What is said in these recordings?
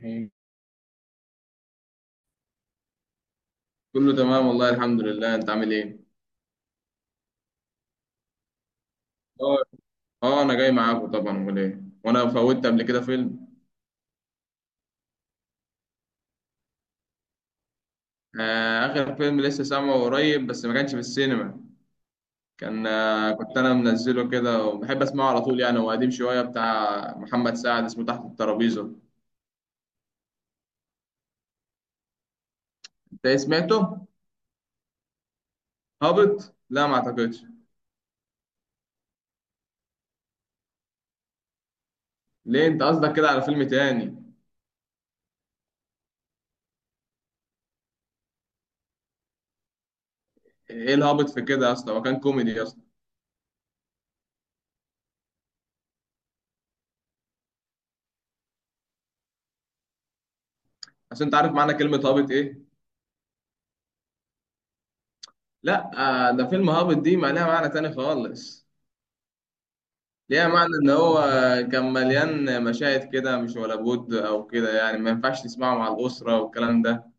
مم. كله تمام والله الحمد لله، انت عامل ايه؟ اه، اه، انا جاي معاكم طبعا، امال ايه؟ وانا فوتت قبل كده فيلم. آه، اخر فيلم لسه سامعه قريب، بس ما كانش في السينما. كان كنت انا منزله كده وبحب اسمعه على طول، يعني هو قديم شويه، بتاع محمد سعد، اسمه تحت الترابيزه. انت ايه سمعته؟ هابط؟ لا، ما اعتقدش. ليه، انت قصدك كده على فيلم تاني؟ ايه الهابط في كده يا اسطى؟ هو كان كوميدي يا اسطى. عشان انت عارف معنى كلمه هابط ايه؟ لا. آه، ده فيلم هابط، دي ما لها معنى تاني خالص. ليها معنى إن هو كان مليان مشاهد كده مش ولا بد أو كده، يعني ما ينفعش تسمعه مع الأسرة والكلام ده.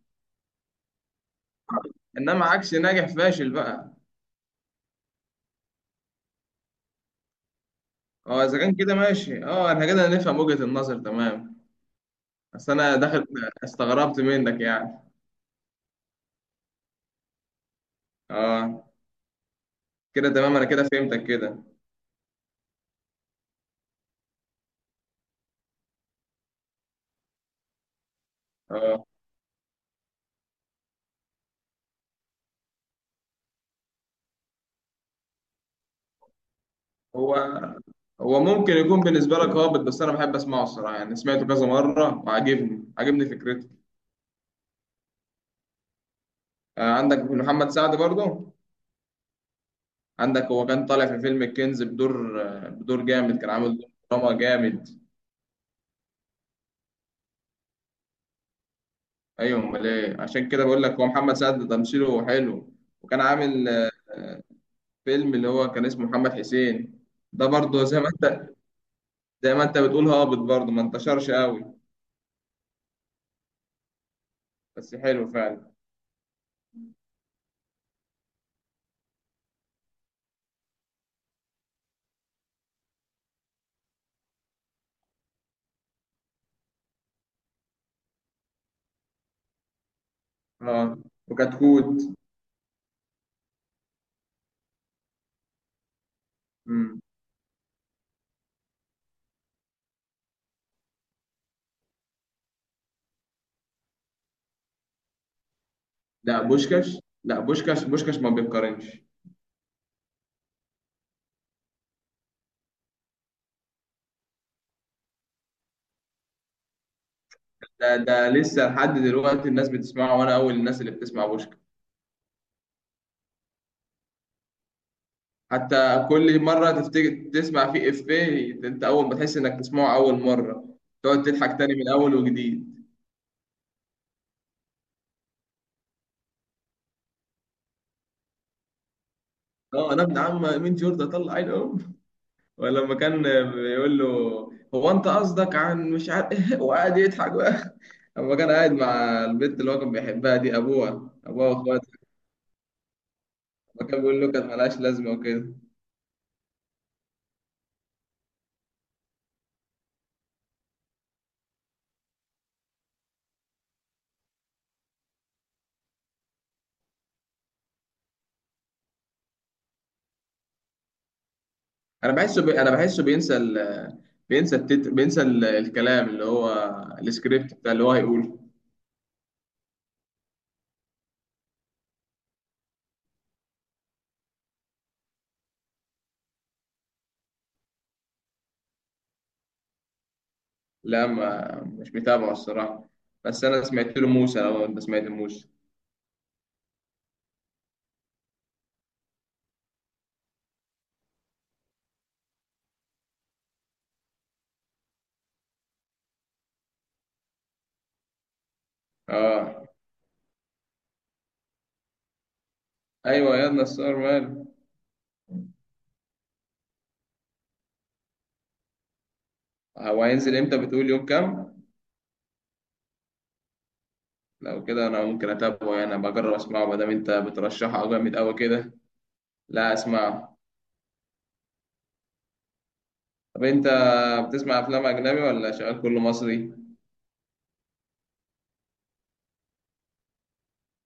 إنما عكس ناجح فاشل بقى. أه، إذا كان كده ماشي، أه، إحنا كده نفهم وجهة النظر، تمام. بس أنا داخل استغربت منك يعني. أه، كده تمام، أنا كده فهمتك كده. أه. هو هو ممكن يكون بالنسبة لك هابط، بس أنا بحب أسمعه الصراحة، يعني سمعته كذا مرة وعاجبني، عاجبني فكرته. عندك محمد سعد برضه. عندك هو كان طالع في فيلم الكنز بدور جامد، كان عامل دور دراما جامد. ايوه، امال ايه؟ عشان كده بقول لك هو محمد سعد ده تمثيله حلو. وكان عامل فيلم اللي هو كان اسمه محمد حسين. ده برضه زي ما انت بتقول هابط، برضه ما انتشرش قوي، بس حلو فعلا. اه، وكتكوت. امم. لا، بوشكاش. لا، بوشكاش، بوشكاش ما بيتقارنش. ده لسه لحد دلوقتي الناس بتسمعه، وانا اول الناس اللي بتسمع بوشكاش. حتى كل مرة تفتكر تسمع فيه إفيه، أنت أول ما تحس إنك تسمعه أول مرة، تقعد تضحك تاني من أول وجديد. أه، أنا ابن عم مين جوردن طلع عين أم؟ ولما كان بيقول له، هو أنت قصدك عن مش عارف إيه؟ وقعد يضحك بقى. لما كان قاعد مع البنت اللي هو كان بيحبها دي، أبوها، أبوها وأخواتها، لما كان بيقول له كانت ملهاش لازمة وكده. أنا بحسه بينسى ال... بينسى التتر... بينسى ال... الكلام اللي هو السكريبت بتاع اللي هو هيقوله. لا، ما مش متابعه الصراحة، بس أنا سمعت له موسى، لو أنت سمعت موسى. آه، أيوة، يا نصار ماله. هو هينزل إمتى، بتقول يوم كام؟ لو كده أنا ممكن أتابعه، يعني أنا بجرب أسمعه ما دام أنت بترشحه جامد أوي كده. لا، أسمعه. طب أنت بتسمع أفلام أجنبي ولا شغال كله مصري؟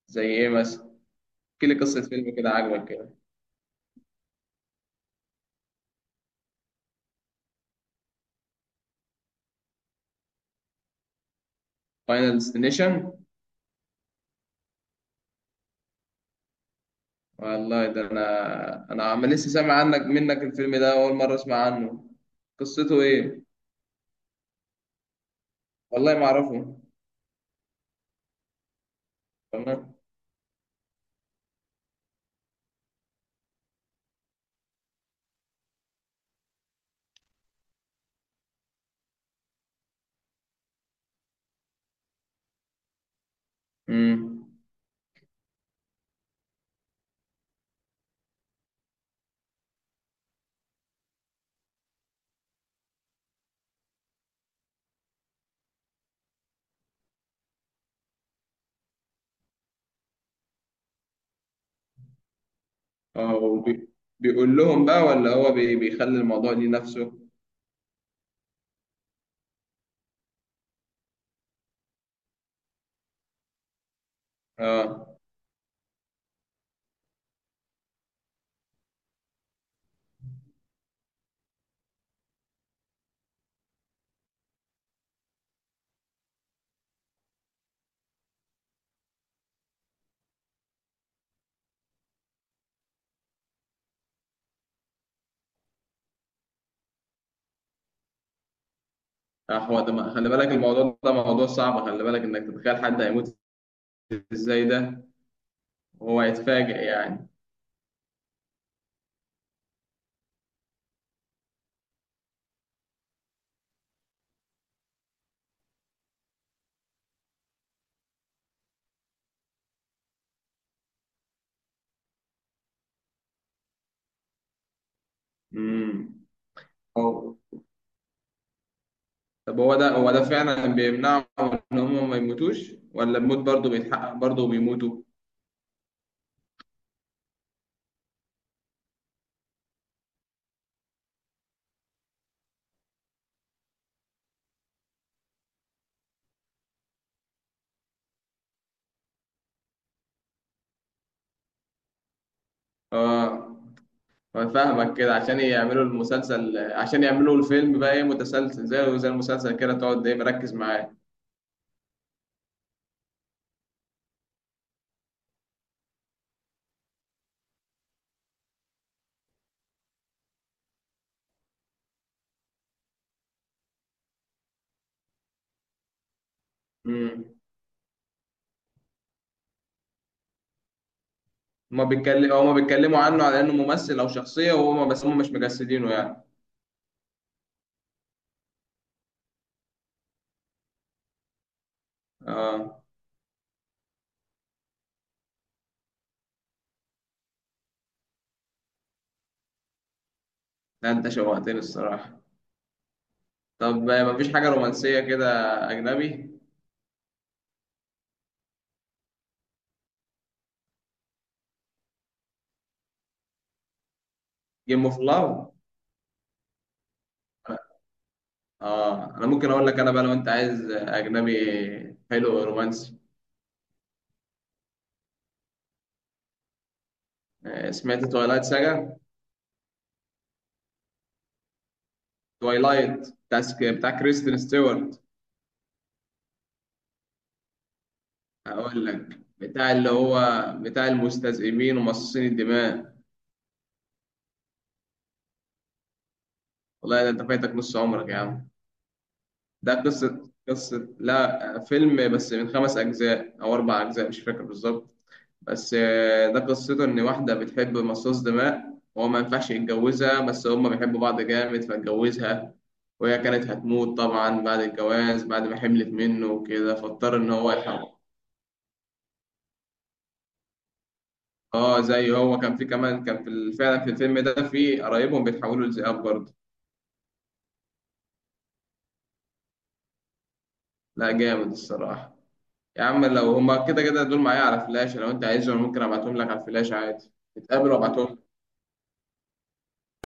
زي إيه مثلا؟ احكي لي قصة فيلم كده عجبك كده. فاينل ديستنيشن. والله ده أنا عم لسه سامع عنك منك الفيلم ده، أول مرة أسمع عنه. قصته إيه؟ والله ما أعرفه. تمام. امم. اه، بيقول لهم بقى، ولا هو بيخلي الموضوع ليه نفسه؟ اه. هو ده خلي بالك، الموضوع ده موضوع صعب، خلي بالك انك تتخيل حد هيموت ازاي ده. وهو هيتفاجئ يعني؟ امم. أو- طب هو ده فعلا بيمنعهم ان هم ما يموتوش، ولا الموت برضه بيتحقق برضه بيموتوا؟ اه. أنا فاهمك، كده عشان يعملوا المسلسل، عشان يعملوا الفيلم بقى ايه، متسلسل زي المسلسل كده، تقعد ايه مركز معاه. هما بيتكلموا عنه على انه ممثل او شخصيه، وهما بس هما مش مجسدينه يعني. اه. لا، انت شوقتني الصراحه. طب مفيش حاجه رومانسيه كده؟ اجنبي. جيم اوف لاف. اه، انا ممكن اقول لك انا بقى، لو انت عايز اجنبي حلو رومانسي. سمعت توايلايت ساجا؟ توايلايت بتاع كريستين ستيوارت. هقول لك بتاع اللي هو بتاع المستذئبين ومصاصين الدماء. والله ده انت فايتك نص عمرك يا عم. ده قصة، قصة لا فيلم، بس من خمس أجزاء أو أربع أجزاء مش فاكر بالظبط. بس ده قصته إن واحدة بتحب مصاص دماء، وهو ما ينفعش يتجوزها بس هما بيحبوا بعض جامد فاتجوزها، وهي كانت هتموت طبعا بعد الجواز، بعد ما حملت منه وكده، فاضطر إن هو يحاول. اه، زي هو كان، في كمان كان في فعلا في الفيلم ده في قرايبهم بيتحولوا لذئاب برضه. لا، جامد الصراحة. يا عم لو هما كده كده دول معايا على فلاش، لو انت عايزهم ممكن ابعتهم لك على الفلاش عادي، نتقابل وابعتهم.